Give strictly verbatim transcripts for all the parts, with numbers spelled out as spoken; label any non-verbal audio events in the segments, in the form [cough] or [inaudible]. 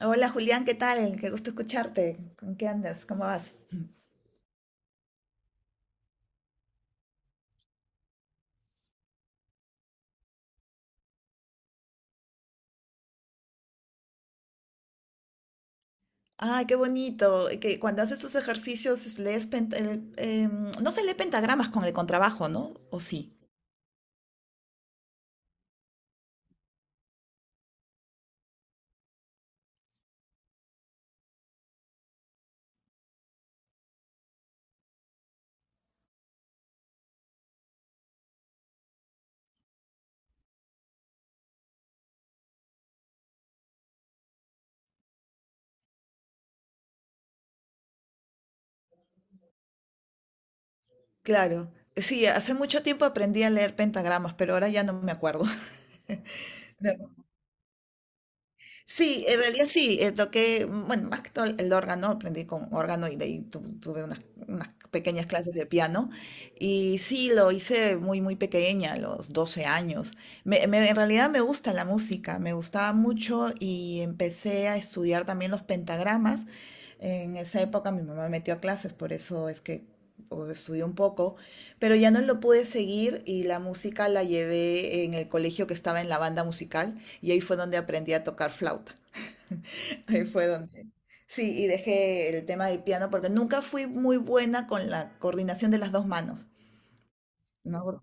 Hola Julián, ¿qué tal? Qué gusto escucharte. ¿Con qué andas? ¿Cómo vas? Ay, qué bonito. Que cuando haces tus ejercicios es- lees pent- el- em, no se lee pentagramas con el contrabajo, ¿no? ¿O sí? Claro. Sí, hace mucho tiempo aprendí a leer pentagramas, pero ahora ya no me acuerdo. [laughs] Sí, en realidad sí, eh, toqué, mm, bueno, más que todo el órgano, aprendí con órgano y de ahí tu- tuve unas, unas pequeñas clases de piano y sí, lo hice muy, muy pequeña, a los doce años. Me- me- en realidad me gusta la música, me gustaba mucho y empecé a estudiar también los pentagramas. En esa época mi mamá me metió a clases, por eso es que o, estudié un poco, pero ya no lo pude seguir y la música la llevé en el colegio que estaba en la banda musical. Y ahí fue donde aprendí a tocar flauta. [laughs] Ahí fue donde... Sí, y dejé el tema del piano porque nunca fui muy buena con la coordinación de las dos manos, ¿no?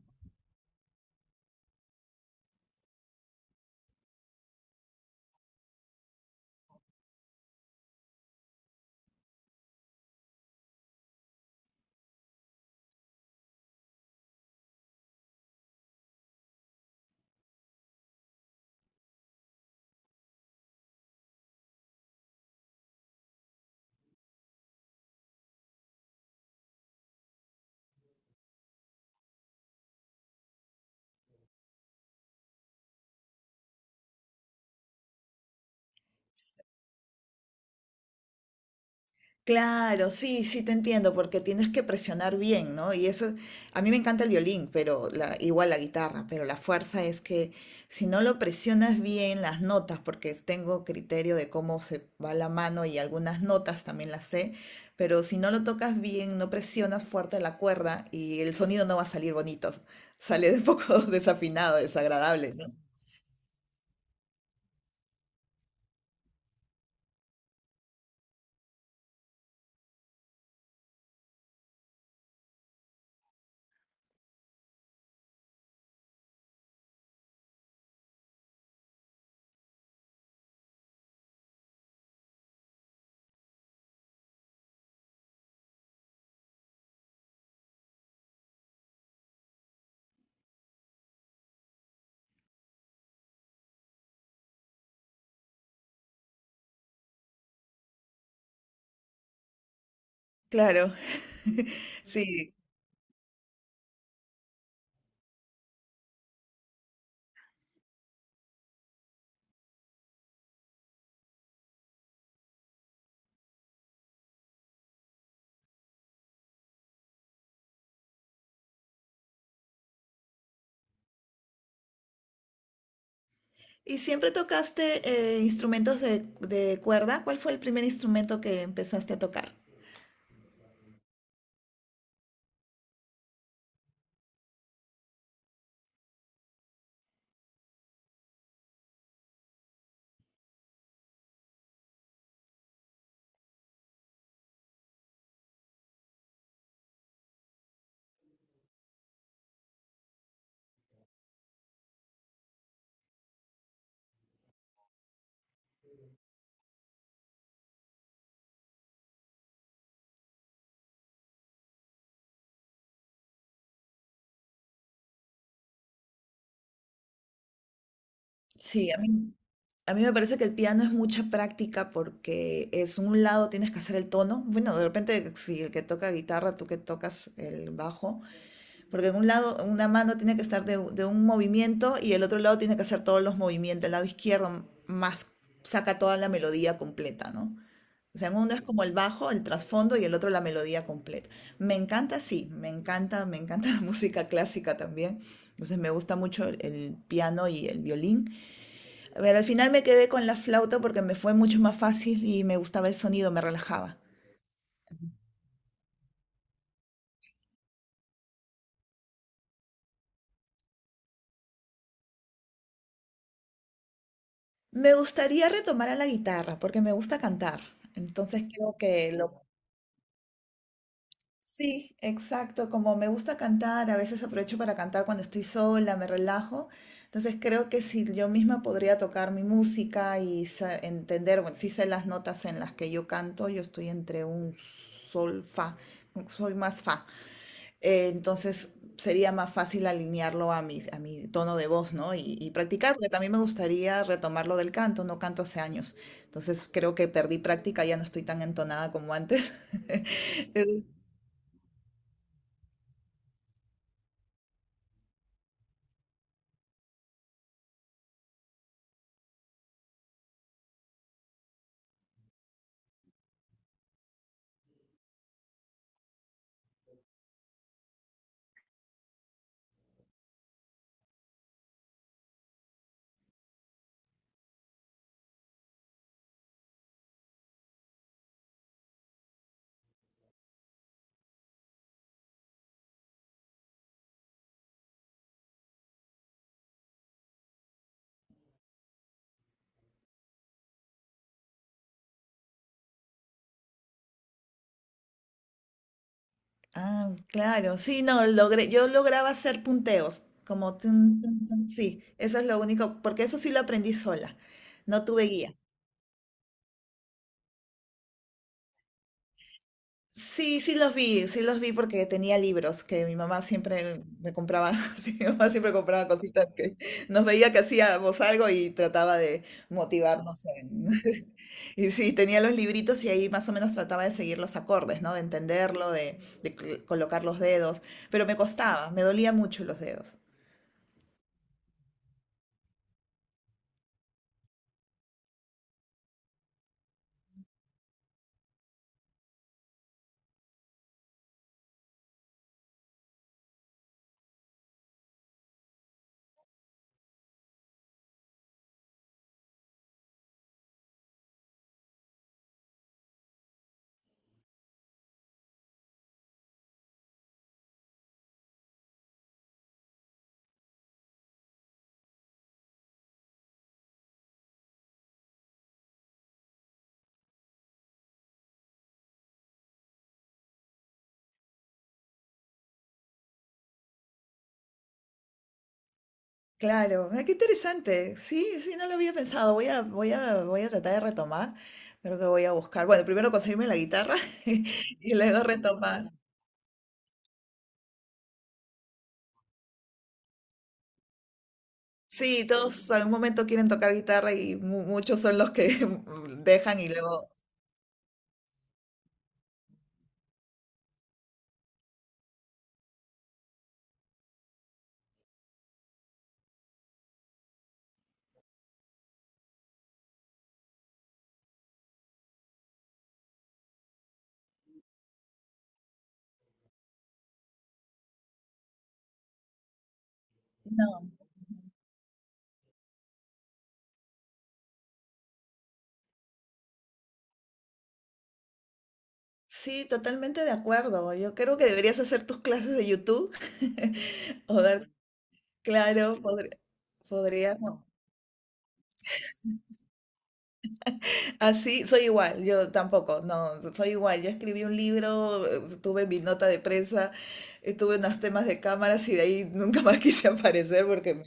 Claro, sí, sí te entiendo, porque tienes que presionar bien, ¿no? Y eso, a mí me encanta el violín, pero la, igual la guitarra, pero la fuerza es que si no lo presionas bien las notas, porque es- tengo criterio de cómo se va la mano y algunas notas también las sé, pero si no lo tocas bien, no presionas fuerte la cuerda y el sonido no va a salir bonito, sale un poco [laughs] desafinado, desagradable, ¿no? Claro, [laughs] sí, ¿y siempre tocaste eh, instrumentos de, de cuerda? ¿Cuál fue el primer instrumento que empezaste a tocar? Sí, a mí, a mí me parece que el piano es mucha práctica porque es un lado tienes que hacer el tono. Bueno, de repente si el que toca guitarra, tú que tocas el bajo, porque en un lado una mano tiene que estar de, u- de un movimiento y el otro lado tiene que hacer todos los movimientos. El lado izquierdo más saca toda la melodía completa, ¿no? O sea, uno es como el bajo, el trasfondo y el otro la melodía completa. Me encanta, sí, me encanta, me encanta [laughs] la música clásica también. Entonces me gusta mucho el, el piano y el violín. Pero al final me quedé con la flauta porque me fue mucho más fácil y me gustaba el sonido, me relajaba. Me gustaría retomar a la guitarra porque me gusta cantar. Entonces creo que lo sí, exacto. Como me gusta cantar, a veces aprovecho para cantar cuando estoy sola, me relajo. Entonces creo que si yo misma podría tocar mi música y sa- entender, bueno, sí sé las notas en las que yo canto, yo estoy entre un sol, fa, soy más fa. Eh, entonces sería más fácil alinearlo a mi, a mi tono de voz, ¿no? Y, y practicar, porque también me gustaría retomar lo del canto, no canto hace años. Entonces creo que perdí práctica, ya no estoy tan entonada como antes. [laughs] Ah, claro, sí, no, logré, yo lograba hacer punteos, como tun, tun, tun, sí, eso es lo único, porque eso sí lo aprendí sola, no tuve guía. Sí, sí los vi, sí los vi porque tenía libros que mi mamá siempre me compraba, [laughs] sí, mi mamá siempre compraba cositas que nos veía que hacíamos algo y trataba de motivarnos en- [laughs] y sí, tenía los libritos y ahí más o menos trataba de seguir los acordes, ¿no? De entenderlo, de, de cl- colocar los dedos, pero me costaba, me dolía mucho los dedos. Claro, ah, qué interesante. Sí, sí, no lo había pensado. Voy a, voy a, voy a tratar de retomar. Creo que voy a buscar. Bueno, primero conseguirme la guitarra [laughs] y luego retomar. Sí, todos en un momento quieren tocar guitarra y mu- muchos son los que [laughs] dejan y luego. No. Sí, totalmente de acuerdo. Yo creo que deberías hacer tus clases de YouTube [laughs] o dar, claro, podría, podrías. ¿No? Así, soy igual, yo tampoco, no, soy igual. Yo escribí un libro, eh, tuve mi nota de prensa, eh, tuve unos temas de cámaras y de ahí nunca más [laughs] quise aparecer porque me...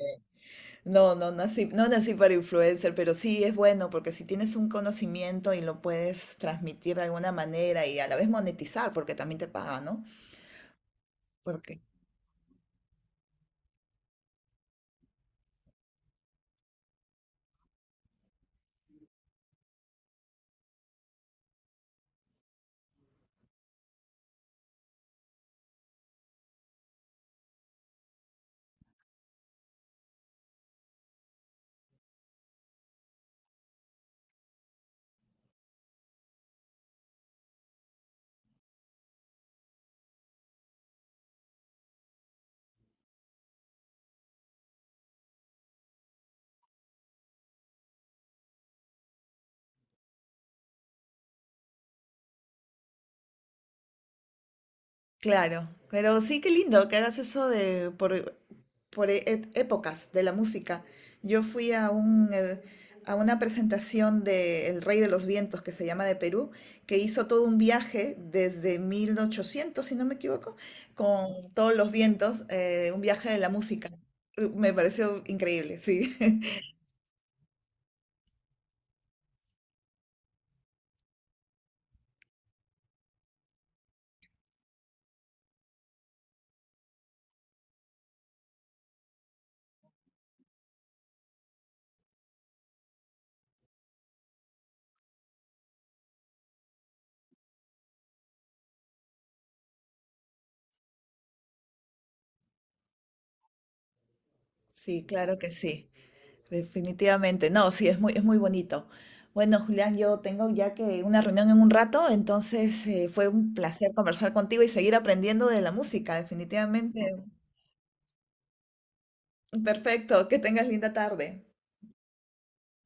No, no nací, no nací para influencer, pero sí es bueno porque si tienes un conocimiento y lo puedes transmitir de alguna manera y a la vez monetizar, porque también te pagan, ¿no? Porque claro, pero sí, qué lindo que hagas eso de por, por e- et- épocas de la música. Yo fui a un, eh, a una presentación de El Rey de los Vientos, que se llama de Perú, que hizo todo un viaje desde mil ochocientos si no me equivoco, con todos los vientos, eh, un viaje de la música. Eh, Me pareció increíble, sí. [laughs] Sí, claro que sí. Definitivamente, no, sí, es muy, es muy bonito. Bueno, Julián, yo tengo ya que una reunión en un rato, entonces eh, fue un placer conversar contigo y seguir aprendiendo de la música, definitivamente. Perfecto, que tengas linda tarde.